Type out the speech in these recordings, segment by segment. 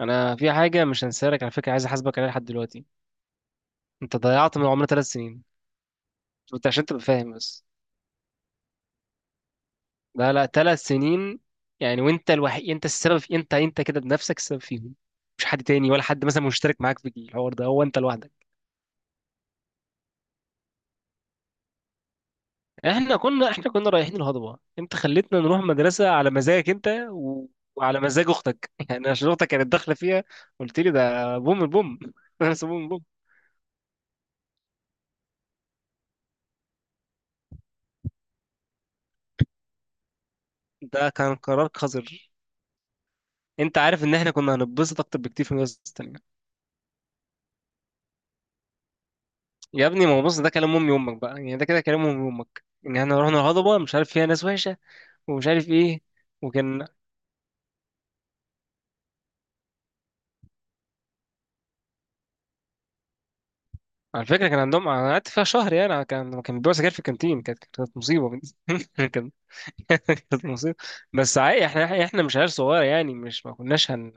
انا في حاجه مش هنساها لك، على فكره، عايز احاسبك عليها لحد دلوقتي. انت ضيعت من عمرنا 3 سنين. انت عشان تبقى فاهم بس. لا لا، 3 سنين. يعني وانت الوحيد، انت السبب في، انت كده بنفسك السبب فيهم. مش حد تاني، ولا حد مثلا مشترك معاك في الحوار ده، هو انت لوحدك. احنا كنا رايحين الهضبه، انت خليتنا نروح مدرسه على مزاجك انت وعلى مزاج اختك يعني عشان اختك كانت داخله فيها. قلت لي ده بوم البوم مدرسه بوم البوم. ده كان قرار قذر. انت عارف ان احنا كنا هنتبسط اكتر بكتير في المدرسه التانيه. يا ابني، ما هو بص، ده كلام امي وامك بقى، يعني ده كده كلام امي وامك، ان احنا رحنا الهضبه مش عارف فيها ناس وحشه، ومش عارف ايه، وكان. على فكره كان عندهم، انا قعدت فيها شهر، يعني أنا، كان بيبيعوا سجاير في الكانتين، كانت مصيبه. كانت كانت مصيبه. بس عادي، احنا مش عيال صغيره، يعني مش، ما كناش هن.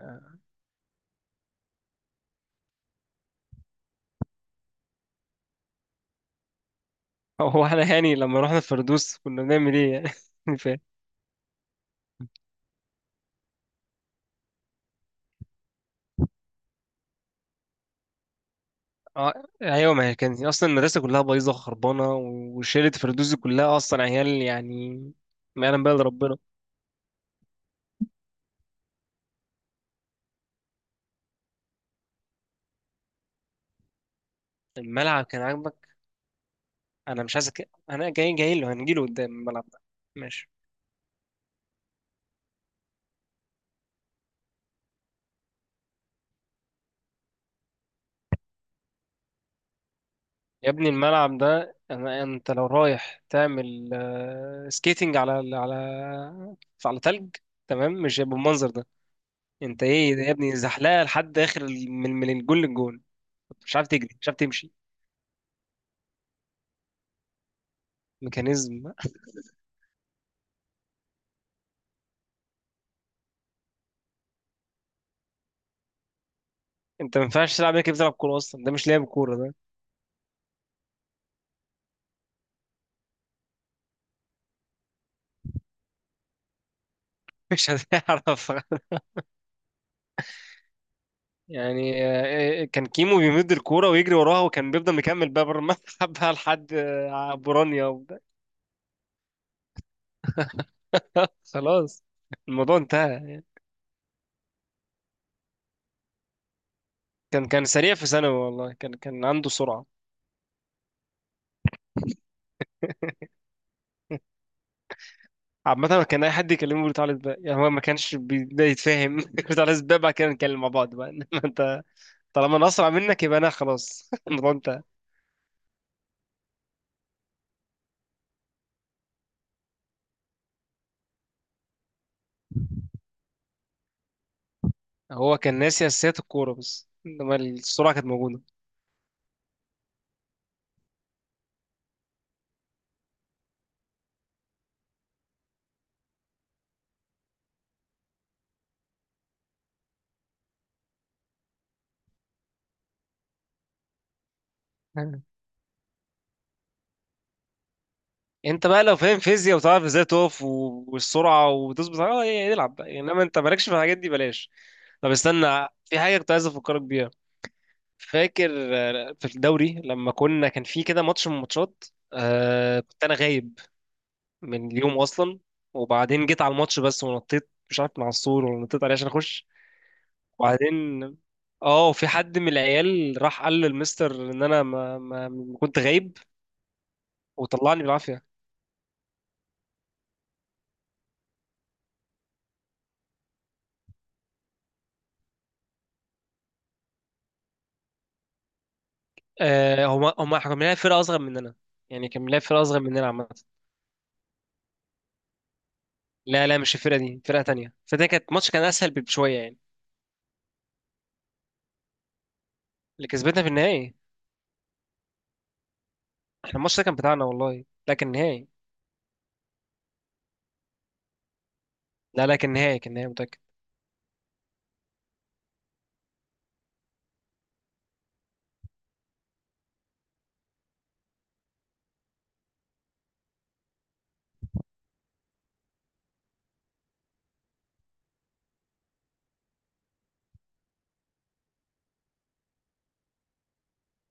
هو احنا يعني لما رحنا الفردوس كنا بنعمل ايه يعني؟ فاهم، اه ايوه، ما هي كانت اصلا المدرسه كلها بايظه وخربانه وشيله، الفردوس دي كلها اصلا عيال يعني، ما يعلم بها الا ربنا. الملعب كان عاجبك. انا مش عايز انا جاي، جاي له هنجيله قدام الملعب ده. ماشي. يا ابني، الملعب ده انت لو رايح تعمل سكيتنج على على تلج، تمام مش هيبقى بالمنظر ده. انت ايه ده يا ابني؟ زحلقه لحد اخر من الجول للجول، مش عارف تجري، مش عارف تمشي، ميكانيزم. انت ما ينفعش تلعب هيك، بتلعب كوره اصلا، ده مش لاعب كوره ده. مش هتعرف. يعني كان كيمو بيمد الكوره ويجري وراها، وكان بيفضل مكمل بقى بره الملعب، بقى لحد بورانيا خلاص الموضوع انتهى. كان سريع في ثانوي، والله كان عنده سرعة. عامة كان أي حد يكلمه بيقول تعالى سباق، يعني هو ما كانش بيبدأ يتفاهم. بيقول تعالى سباق. بعد كده نتكلم مع بعض بقى. إنما أنت، طالما أنا أسرع منك، يبقى أنا خلاص. الموضوع انتهى. هو كان ناسي أساسيات الكورة، بس إنما السرعة كانت موجودة. أنت بقى لو فاهم فيزياء، وتعرف إزاي تقف والسرعة وتظبط، أه إيه، العب بقى، يعني إنما أنت مالكش في الحاجات دي، بلاش. طب استنى، في حاجة كنت عايز أفكرك بيها. فاكر؟ في الدوري لما كنا كان في كده ماتش من الماتشات، كنت انا غايب من اليوم اصلا، وبعدين جيت على الماتش بس، ونطيت مش عارف من على السور ولا نطيت عليه عشان اخش، وبعدين، اه في حد من العيال راح قال للمستر ان انا ما كنت غايب، وطلعني بالعافيه. هما كانوا بيلعبوا فرقه اصغر مننا، يعني كان بيلعب فرقه اصغر مننا عامه. لا لا مش الفرقه دي، فرقه تانية، فده كانت ماتش كان اسهل بشويه يعني. اللي كسبتنا في النهائي، احنا الماتش ده كان بتاعنا والله، لكن نهائي. لا لا كان نهائي، كان نهائي، متأكد.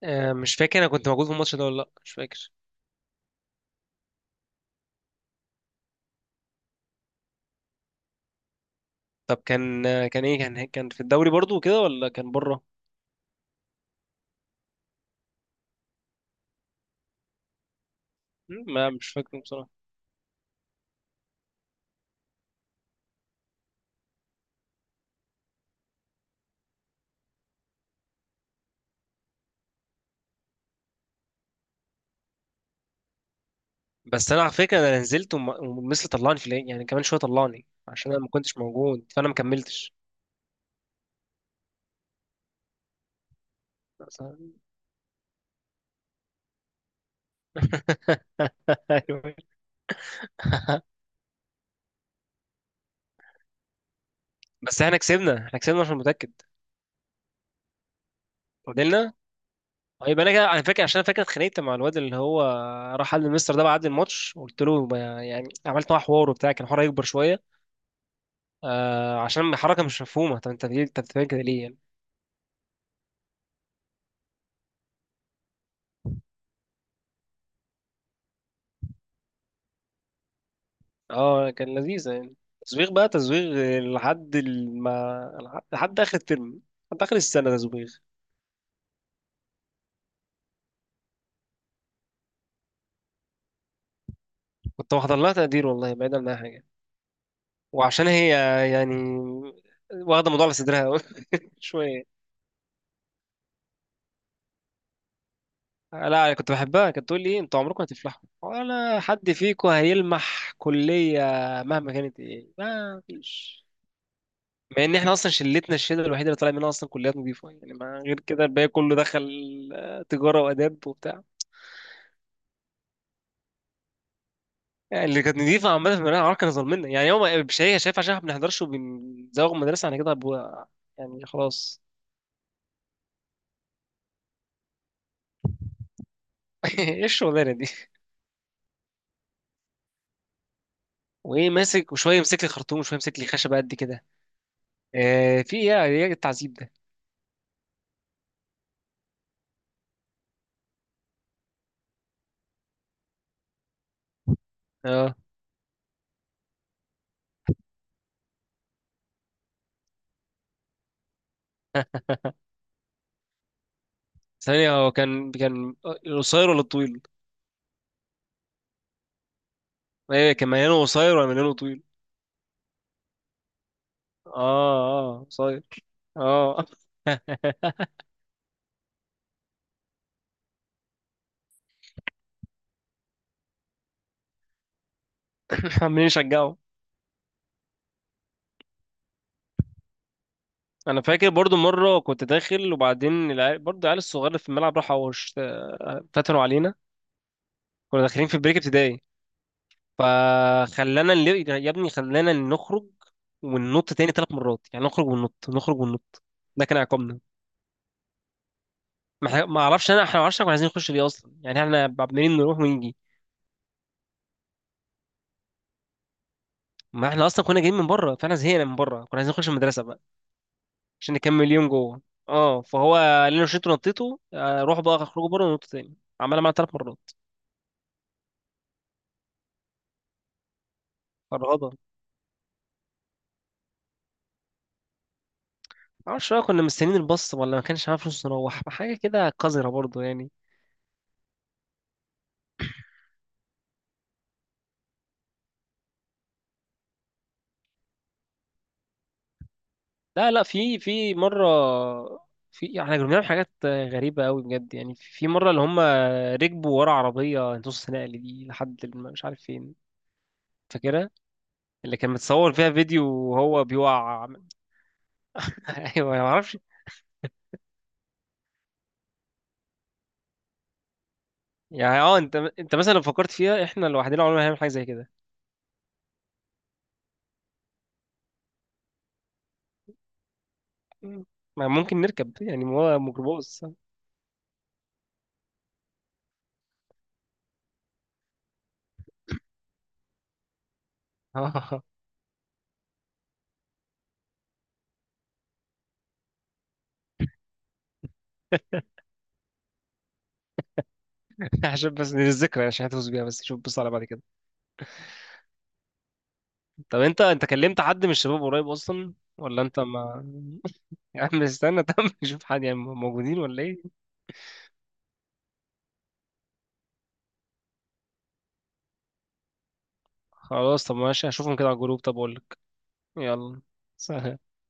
مش فاكر انا كنت موجود في الماتش ده ولا لا، مش فاكر. طب كان، كان ايه، كان في الدوري برضو كده، ولا كان بره؟ ما مش فاكر بصراحة. بس انا على فكرة، انا نزلت ومثل طلعني في العين، يعني كمان شوية طلعني عشان انا ما كنتش موجود، فانا ما كملتش، بس- أيوة. بس احنا كسبنا، احنا كسبنا عشان متأكد، فضلنا. طيب انا كده انا فاكر، عشان انا فاكر اتخانقت مع الواد اللي هو راح قال للمستر ده بعد الماتش. قلت له يعني عملت معاه حوار وبتاع، كان حوار يكبر شوية، عشان حركة مش مفهومة، طب انت ليه انت بتعمل كده ليه يعني؟ اه كان لذيذة يعني. تزويغ بقى تزويغ لحد لحد آخر الترم، لحد آخر السنة تزويغ. كنت واخد لها تقدير والله، بعيدا عن أي حاجة، وعشان هي، يعني واخدة الموضوع على صدرها أوي. شوية. لا، كنت بحبها، كانت تقول لي ايه، انتوا عمركم هتفلحوا ولا حد فيكم هيلمح كلية مهما كانت ايه، ما فيش. مع ان احنا اصلا شلتنا، الشله الوحيده اللي طالع منها اصلا كليات نظيفه، يعني ما غير كده الباقي كله دخل، تجاره واداب وبتاع، يعني اللي كانت نظيفه عامه في المدرسه، عمرها كان ظلمنا، يعني هو مش هي شايف عشان احنا ما بنحضرش وبنزوغ من المدرسه، انا كده هبقى يعني خلاص. ايه الشغلانه دي؟ وايه ماسك، وشويه يمسك لي خرطوم، وشويه يمسك لي خشبه قد كده، في ايه، ايه التعذيب ده؟ اه ثانيه، هو كان القصير ولا الطويل؟ ايه كان مليانه قصير ولا مليانه طويل؟ اه اه قصير. اه. عمالين يشجعوا. انا فاكر برضو مره، كنت داخل وبعدين العيال، برضو العيال الصغار اللي في الملعب، فتنوا علينا، كنا داخلين في بريك ابتدائي، يا ابني خلانا نخرج وننط تاني 3 مرات، يعني نخرج وننط، نخرج وننط. ده كان عقابنا. ما اعرفش انا، احنا ما اعرفش، إحنا كنا عايزين نخش ليه اصلا؟ يعني احنا عمالين نروح ونيجي، ما احنا اصلا كنا جايين من بره، فاحنا زهقنا من بره، كنا عايزين نخش المدرسه بقى، عشان نكمل يوم جوه. اه فهو قال لنا شيتوا نطيتوا، روحوا بقى اخرجوا بره وننطوا تاني، عملها معانا 3 مرات. فرهضه. معرفش بقى كنا مستنيين الباص، ولا ما كانش معانا فلوس نروح، حاجة كده قذرة برضو يعني. لا لا، في مرة، في يعني احنا كنا بنعمل حاجات غريبة أوي بجد، يعني في مرة اللي هم ركبوا ورا عربية نص نقل دي لحد مش عارف فين، فاكرها، اللي كان متصور فيها فيديو وهو بيوقع. أيوة ما أعرفش. يعني أنت مثلا لو فكرت فيها، احنا لوحدنا عمرنا ما هنعمل حاجة زي كده، ما ممكن نركب يعني هو ميكروباص. عشان بس للذكرى، عشان هتفوز بيها بس، شوف، بص على بعد كده. طب انت كلمت حد من الشباب قريب اصلا، ولا انت ما؟ يا عم استنى طب، نشوف حد، يعني موجودين ولا ايه؟ خلاص طب ماشي، هشوفهم كده على الجروب، طب اقول لك، يلا. سلام.